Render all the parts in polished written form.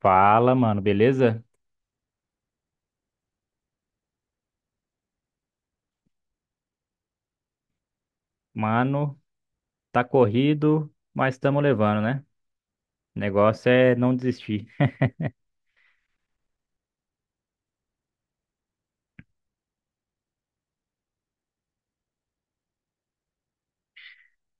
Fala, mano, beleza? Mano, tá corrido, mas estamos levando, né? O negócio é não desistir.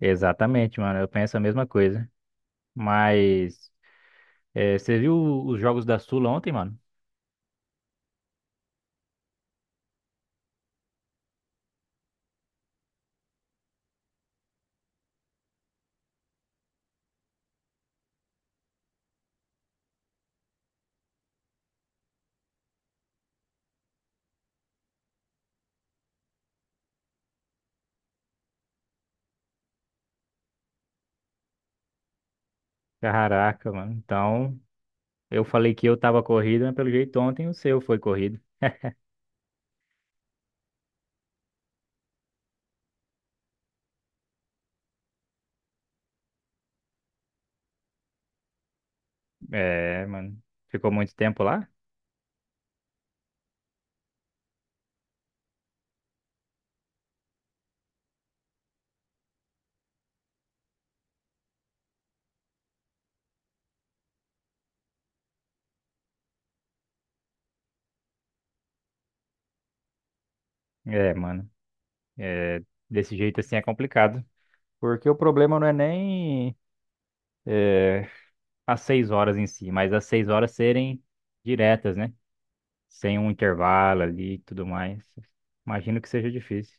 Exatamente, mano, eu penso a mesma coisa. Mas, você viu os jogos da Sula ontem, mano? Caraca, mano. Então, eu falei que eu tava corrido, mas pelo jeito ontem o seu foi corrido. É, mano. Ficou muito tempo lá? É, mano. É, desse jeito assim é complicado. Porque o problema não é nem, as 6 horas em si, mas as 6 horas serem diretas, né? Sem um intervalo ali e tudo mais. Imagino que seja difícil.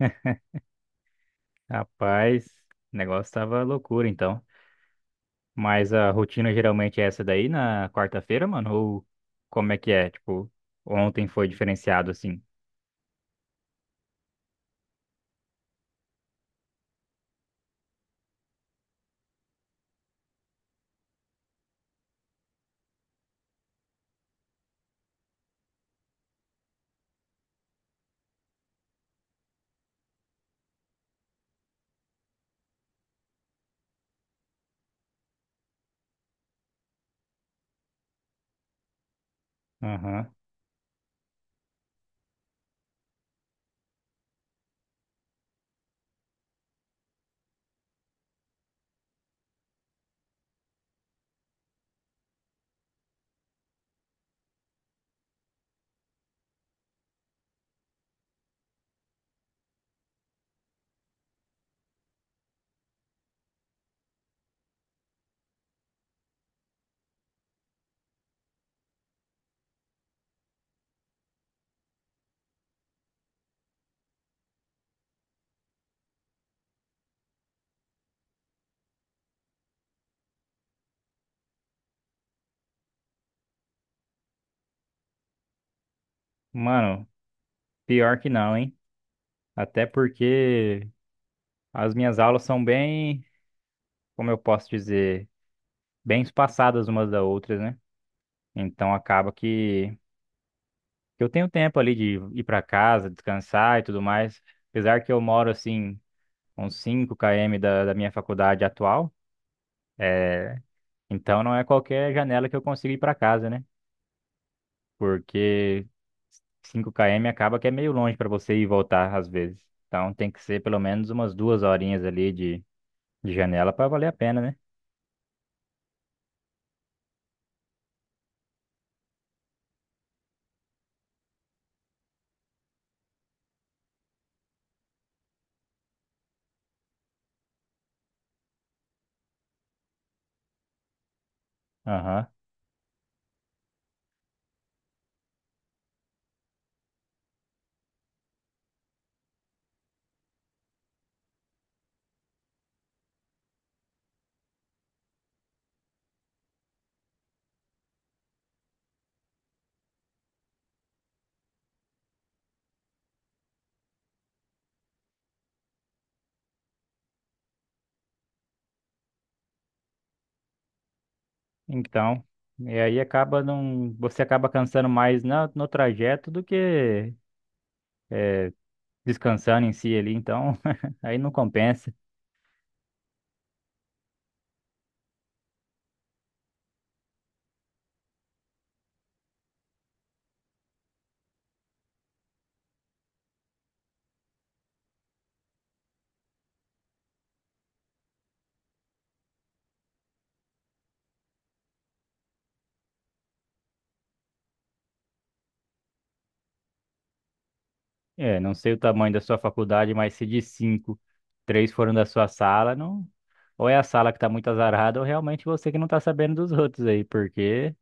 Rapaz, o negócio tava loucura então. Mas a rotina geralmente é essa daí na quarta-feira, mano? Ou como é que é? Tipo, ontem foi diferenciado assim. Aham. Mano, pior que não, hein? Até porque as minhas aulas são bem, como eu posso dizer, bem espaçadas umas da outras, né? Então acaba que eu tenho tempo ali de ir para casa, descansar e tudo mais. Apesar que eu moro assim, uns 5 km da minha faculdade atual, é, então não é qualquer janela que eu consigo ir para casa, né? Porque 5 km acaba que é meio longe para você ir e voltar às vezes. Então tem que ser pelo menos umas 2 horinhas ali de janela para valer a pena, né? Aham. Então, e aí acaba não, você acaba cansando mais no trajeto do que é, descansando em si ali, então aí não compensa. É, não sei o tamanho da sua faculdade, mas se de cinco, três foram da sua sala, não. Ou é a sala que tá muito azarada, ou realmente você que não tá sabendo dos outros aí, porque.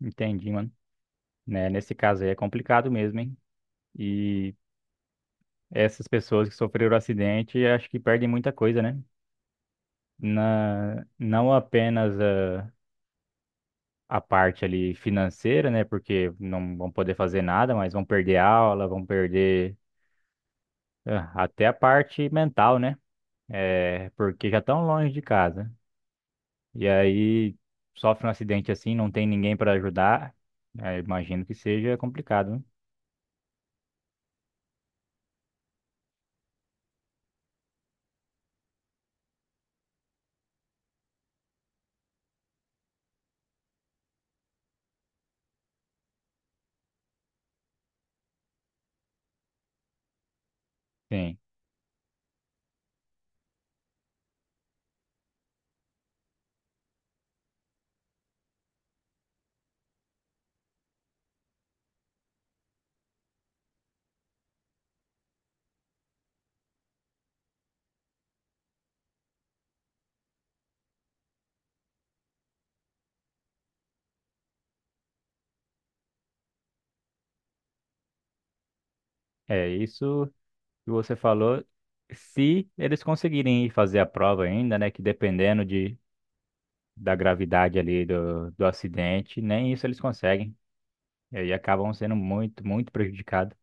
Entendi, mano. Né, nesse caso aí é complicado mesmo, hein? E essas pessoas que sofreram o acidente, acho que perdem muita coisa, né? Não apenas a parte ali financeira, né? Porque não vão poder fazer nada, mas vão perder aula, vão perder, até a parte mental, né? É, porque já estão longe de casa. E aí sofre um acidente assim, não tem ninguém para ajudar. É, imagino que seja complicado, né? Sim. É isso que você falou. Se eles conseguirem ir fazer a prova ainda, né? Que dependendo da gravidade ali do acidente, nem isso eles conseguem. E aí acabam sendo muito, muito prejudicados.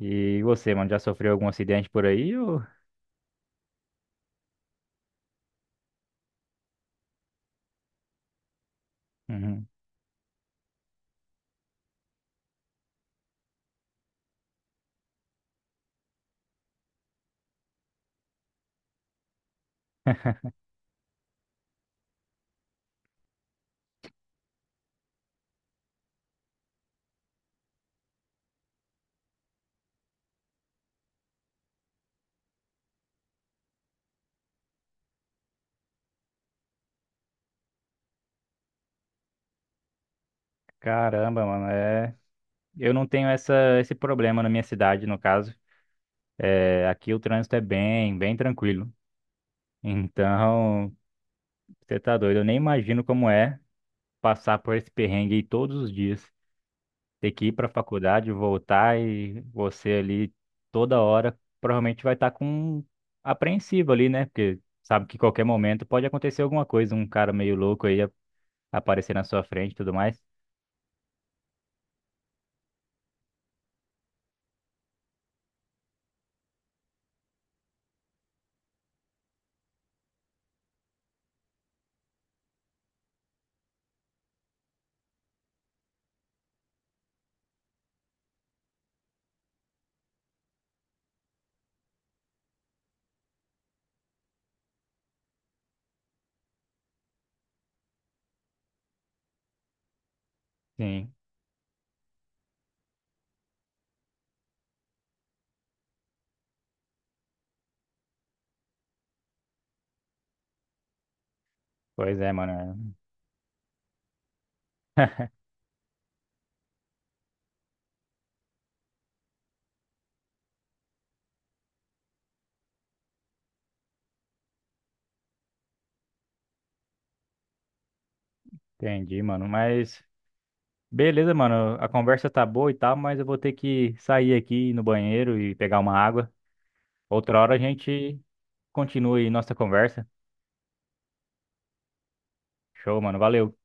E você, mano, já sofreu algum acidente por aí? Ou... Uhum. Caramba, mano, é. Eu não tenho esse problema na minha cidade, no caso. É, aqui o trânsito é bem, bem tranquilo. Então, você tá doido. Eu nem imagino como é passar por esse perrengue aí todos os dias. Ter que ir pra faculdade, voltar e você ali toda hora provavelmente vai estar com apreensivo ali, né? Porque sabe que qualquer momento pode acontecer alguma coisa, um cara meio louco aí aparecer na sua frente e tudo mais. Sim, pois é, mano. Entendi, mano. Mas. Beleza, mano. A conversa tá boa e tal, mas eu vou ter que sair aqui no banheiro e pegar uma água. Outra hora a gente continua aí nossa conversa. Show, mano. Valeu.